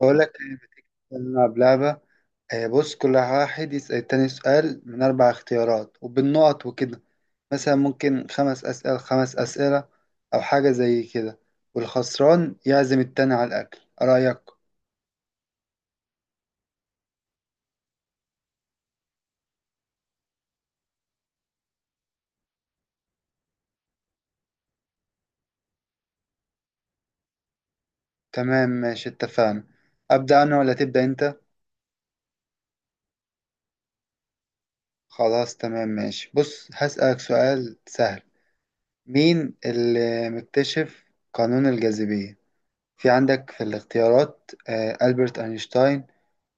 بقول لك إيه، ما تيجي نلعب لعبة. بص، كل واحد يسأل التاني سؤال من أربع اختيارات وبالنقط وكده. مثلا ممكن خمس أسئلة، أو حاجة زي كده، والخسران يعزم التاني على الأكل. إيه رأيك؟ تمام ماشي، اتفقنا. أبدأ أنا ولا تبدأ أنت؟ خلاص تمام ماشي، بص هسألك سؤال سهل. مين اللي مكتشف قانون الجاذبية؟ في عندك في الاختيارات ألبرت أينشتاين،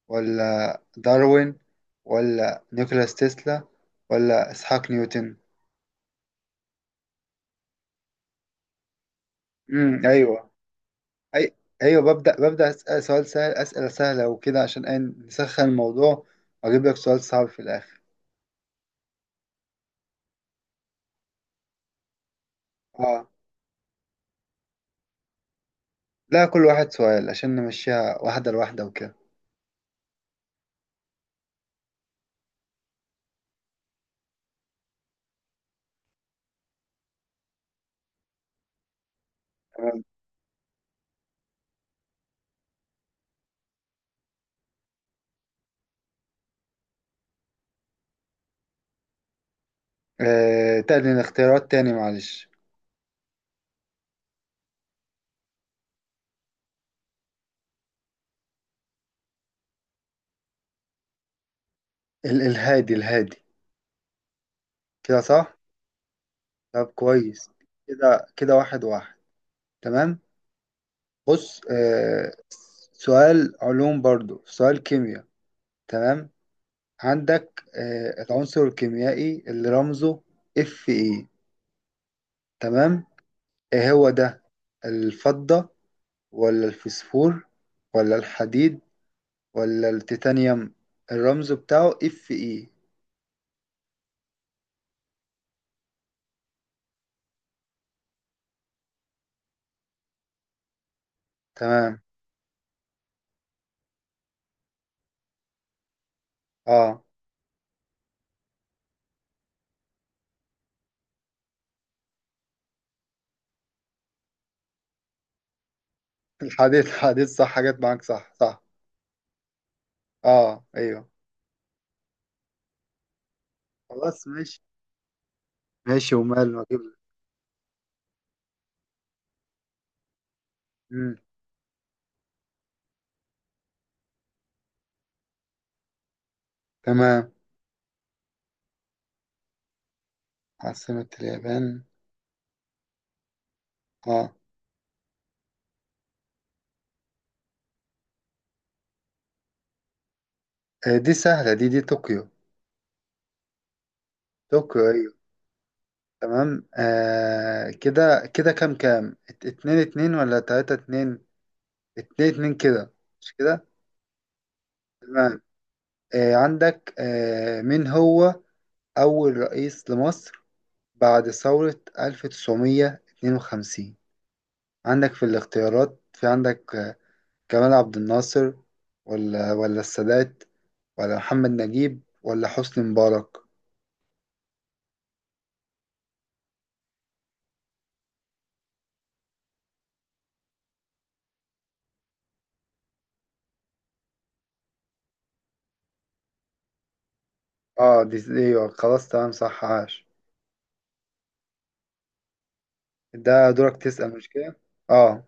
ولا داروين، ولا نيكولاس تسلا، ولا إسحاق نيوتن. ايوه. أي... ايوه، ببدأ أسأل سؤال سهل، أسئلة سهلة وكده عشان إيه؟ نسخن الموضوع، وأجيب لك سؤال صعب في الآخر. اه، لا، كل واحد سؤال عشان نمشيها واحدة لواحدة وكده. تمام. تاني الاختيارات تاني، معلش. الهادي، الهادي. كده صح؟ طب كويس. كده كده، واحد واحد. تمام. بص، سؤال علوم برضو، سؤال كيمياء. تمام. عندك العنصر الكيميائي اللي رمزه Fe. تمام، ايه هو ده؟ الفضة، ولا الفسفور، ولا الحديد، ولا التيتانيوم؟ الرمز بتاعه Fe. تمام. اه، الحديد صح، حاجات معاك، صح صح. اه ايوه. خلاص ماشي. ماشي ومال واجيب لك. مم. تمام. عاصمة اليابان. اه. دي سهلة، دي طوكيو. طوكيو، ايوه. تمام. كده كده كام كام، اتنين اتنين، ولا تلاتة اتنين؟ اتنين اتنين، كده. مش كده. تمام. عندك، مين هو أول رئيس لمصر بعد ثورة 1952؟ عندك في الاختيارات، في عندك، جمال عبد الناصر، ولا السادات، ولا محمد نجيب، ولا حسني مبارك؟ اه، دي ايوه، خلاص تمام، صح، عاش. ده دورك تسأل، مش كده؟ اه.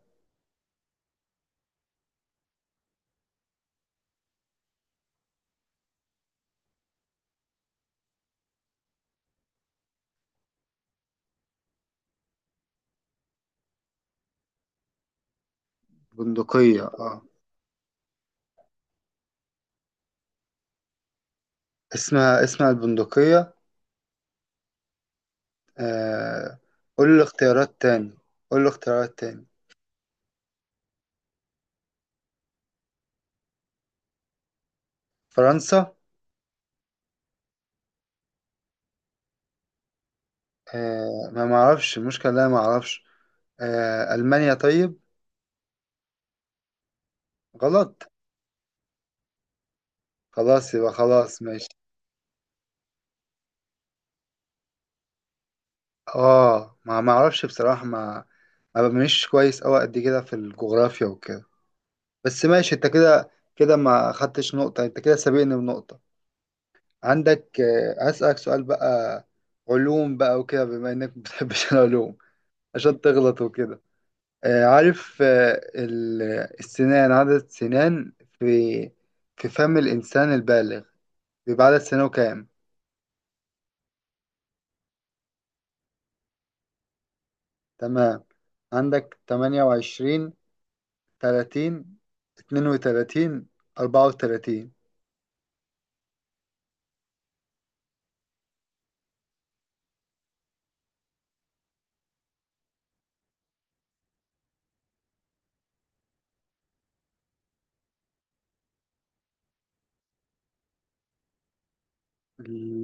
بندقية، اه. اسمها البندقية. آه. قول لي الاختيارات تاني، قول لي الاختيارات تاني. فرنسا. آه، ما معرفش المشكلة، لا، ما اعرفش. ألمانيا، طيب. غلط. خلاص، يبقى خلاص ماشي. اه، ما معرفش بصراحة، ما مش كويس أوي قد كده في الجغرافيا وكده. بس ماشي، انت كده كده ما خدتش نقطة، انت كده سابقني بنقطة. عندك، هسألك سؤال بقى، علوم بقى وكده، بما انك ما بتحبش العلوم عشان تغلط وكده. عارف عدد السنان في في فم الإنسان البالغ، بيبقى عدد سنانه كام؟ تمام. عندك 28، 30، 32، 34.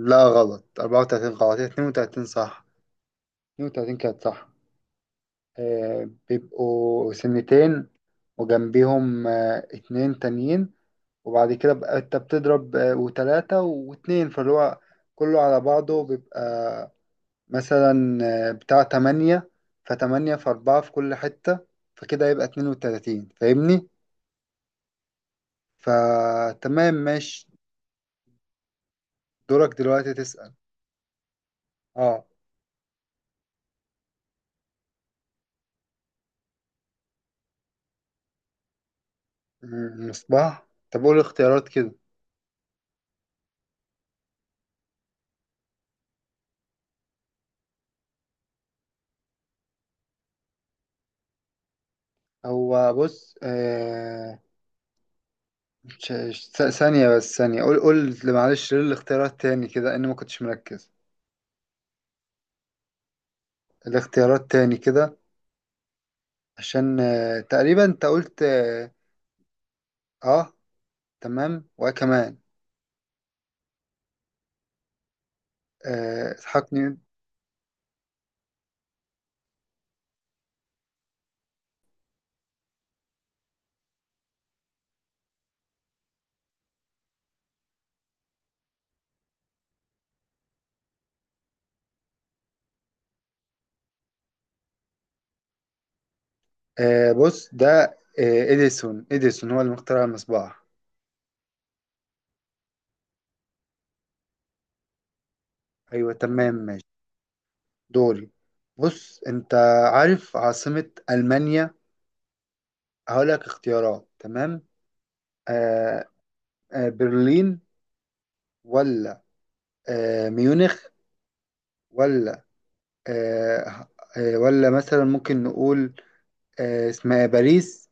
لا غلط، 34 غلط، هي 32 صح. اتنين وتلاتين كانت صح. بيبقوا سنتين، وجنبيهم اتنين تانيين، وبعد كده بقى انت بتضرب وتلاتة واتنين، فاللي هو كله على بعضه بيبقى مثلا بتاع تمانية. فتمانية في أربعة في كل حتة، فكده يبقى 32. فاهمني؟ فتمام ماشي. دورك دلوقتي تسأل. اه، مصباح. طب قول اختيارات كده. هو بص، ثانية، بس ثانية، قول قول، معلش، ليه الاختيارات تاني كده، إني ما كنتش مركز. الاختيارات تاني كده، عشان تقريبا انت قلت اه، آه، تمام وكمان اسحاق نيوتن. بص ده، اديسون هو اللي مخترع المصباح. ايوه تمام ماشي. دوري. بص، انت عارف عاصمة المانيا؟ هقولك اختيارات. تمام. آه، برلين، ولا ميونخ، ولا آه، ولا مثلا ممكن نقول اسمها إيه، باريس،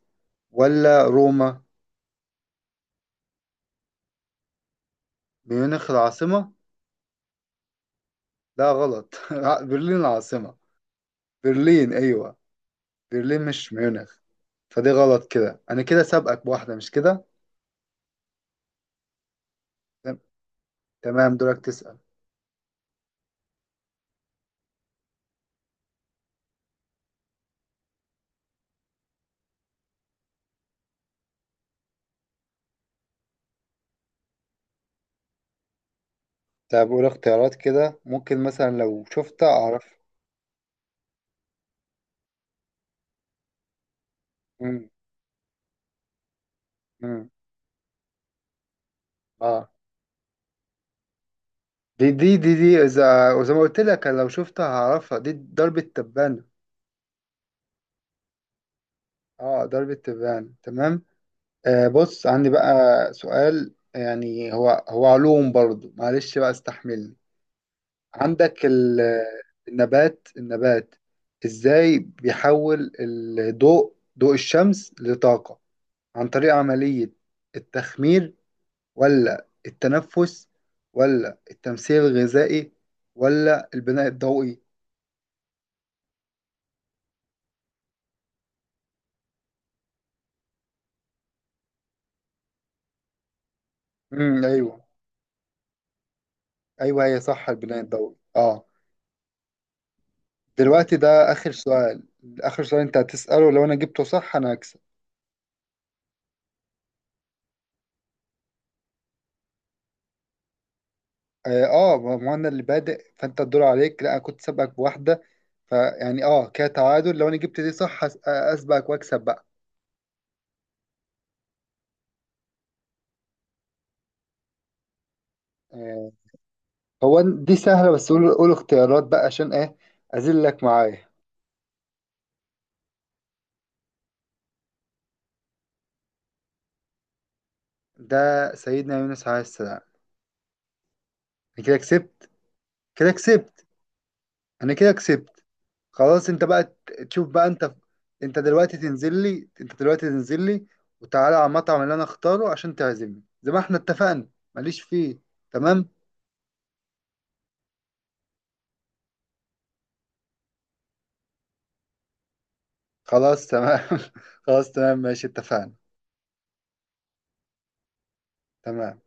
ولا روما؟ ميونخ العاصمة. لا غلط. برلين العاصمة. برلين، أيوة. برلين مش ميونخ. فدي غلط، كده أنا كده سابقك بواحدة، مش كده؟ تم- تمام، دورك تسأل. طب قول اختيارات كده، ممكن مثلا لو شفتها أعرف. مم. مم. آه دي إذا وزي ما قلت لك، أنا لو شفتها هعرفها، دي ضربة تبانة. آه، ضربة تبانة، تمام. آه، بص، عندي بقى سؤال، يعني هو علوم برضو، معلش بقى استحملني. عندك النبات، النبات ازاي بيحول الضوء، ضوء الشمس لطاقة، عن طريق عملية التخمير، ولا التنفس، ولا التمثيل الغذائي، ولا البناء الضوئي؟ ايوه، ايوه، هي صح، البناء الضوئي، اه. دلوقتي ده اخر سؤال، اخر سؤال انت هتسأله، لو انا جبته صح انا هكسب. اه، ما انا اللي بادئ، فانت الدور عليك، لا، انا كنت سابقك بواحده، فيعني اه كده تعادل، لو انا جبت دي صح اسبقك واكسب بقى. آه، هو دي سهله، بس قول قول اختيارات بقى، عشان ايه اذلك معايا. ده سيدنا يونس عليه السلام. انا كده كسبت، كده كسبت، انا كده كسبت. خلاص، انت بقى تشوف بقى انت. انت دلوقتي تنزل لي، انت دلوقتي تنزل لي، وتعالى على المطعم اللي انا اختاره عشان تعزمني زي ما احنا اتفقنا. ماليش فيه. تمام. خلاص تمام، خلاص تمام ماشي، اتفقنا. تمام.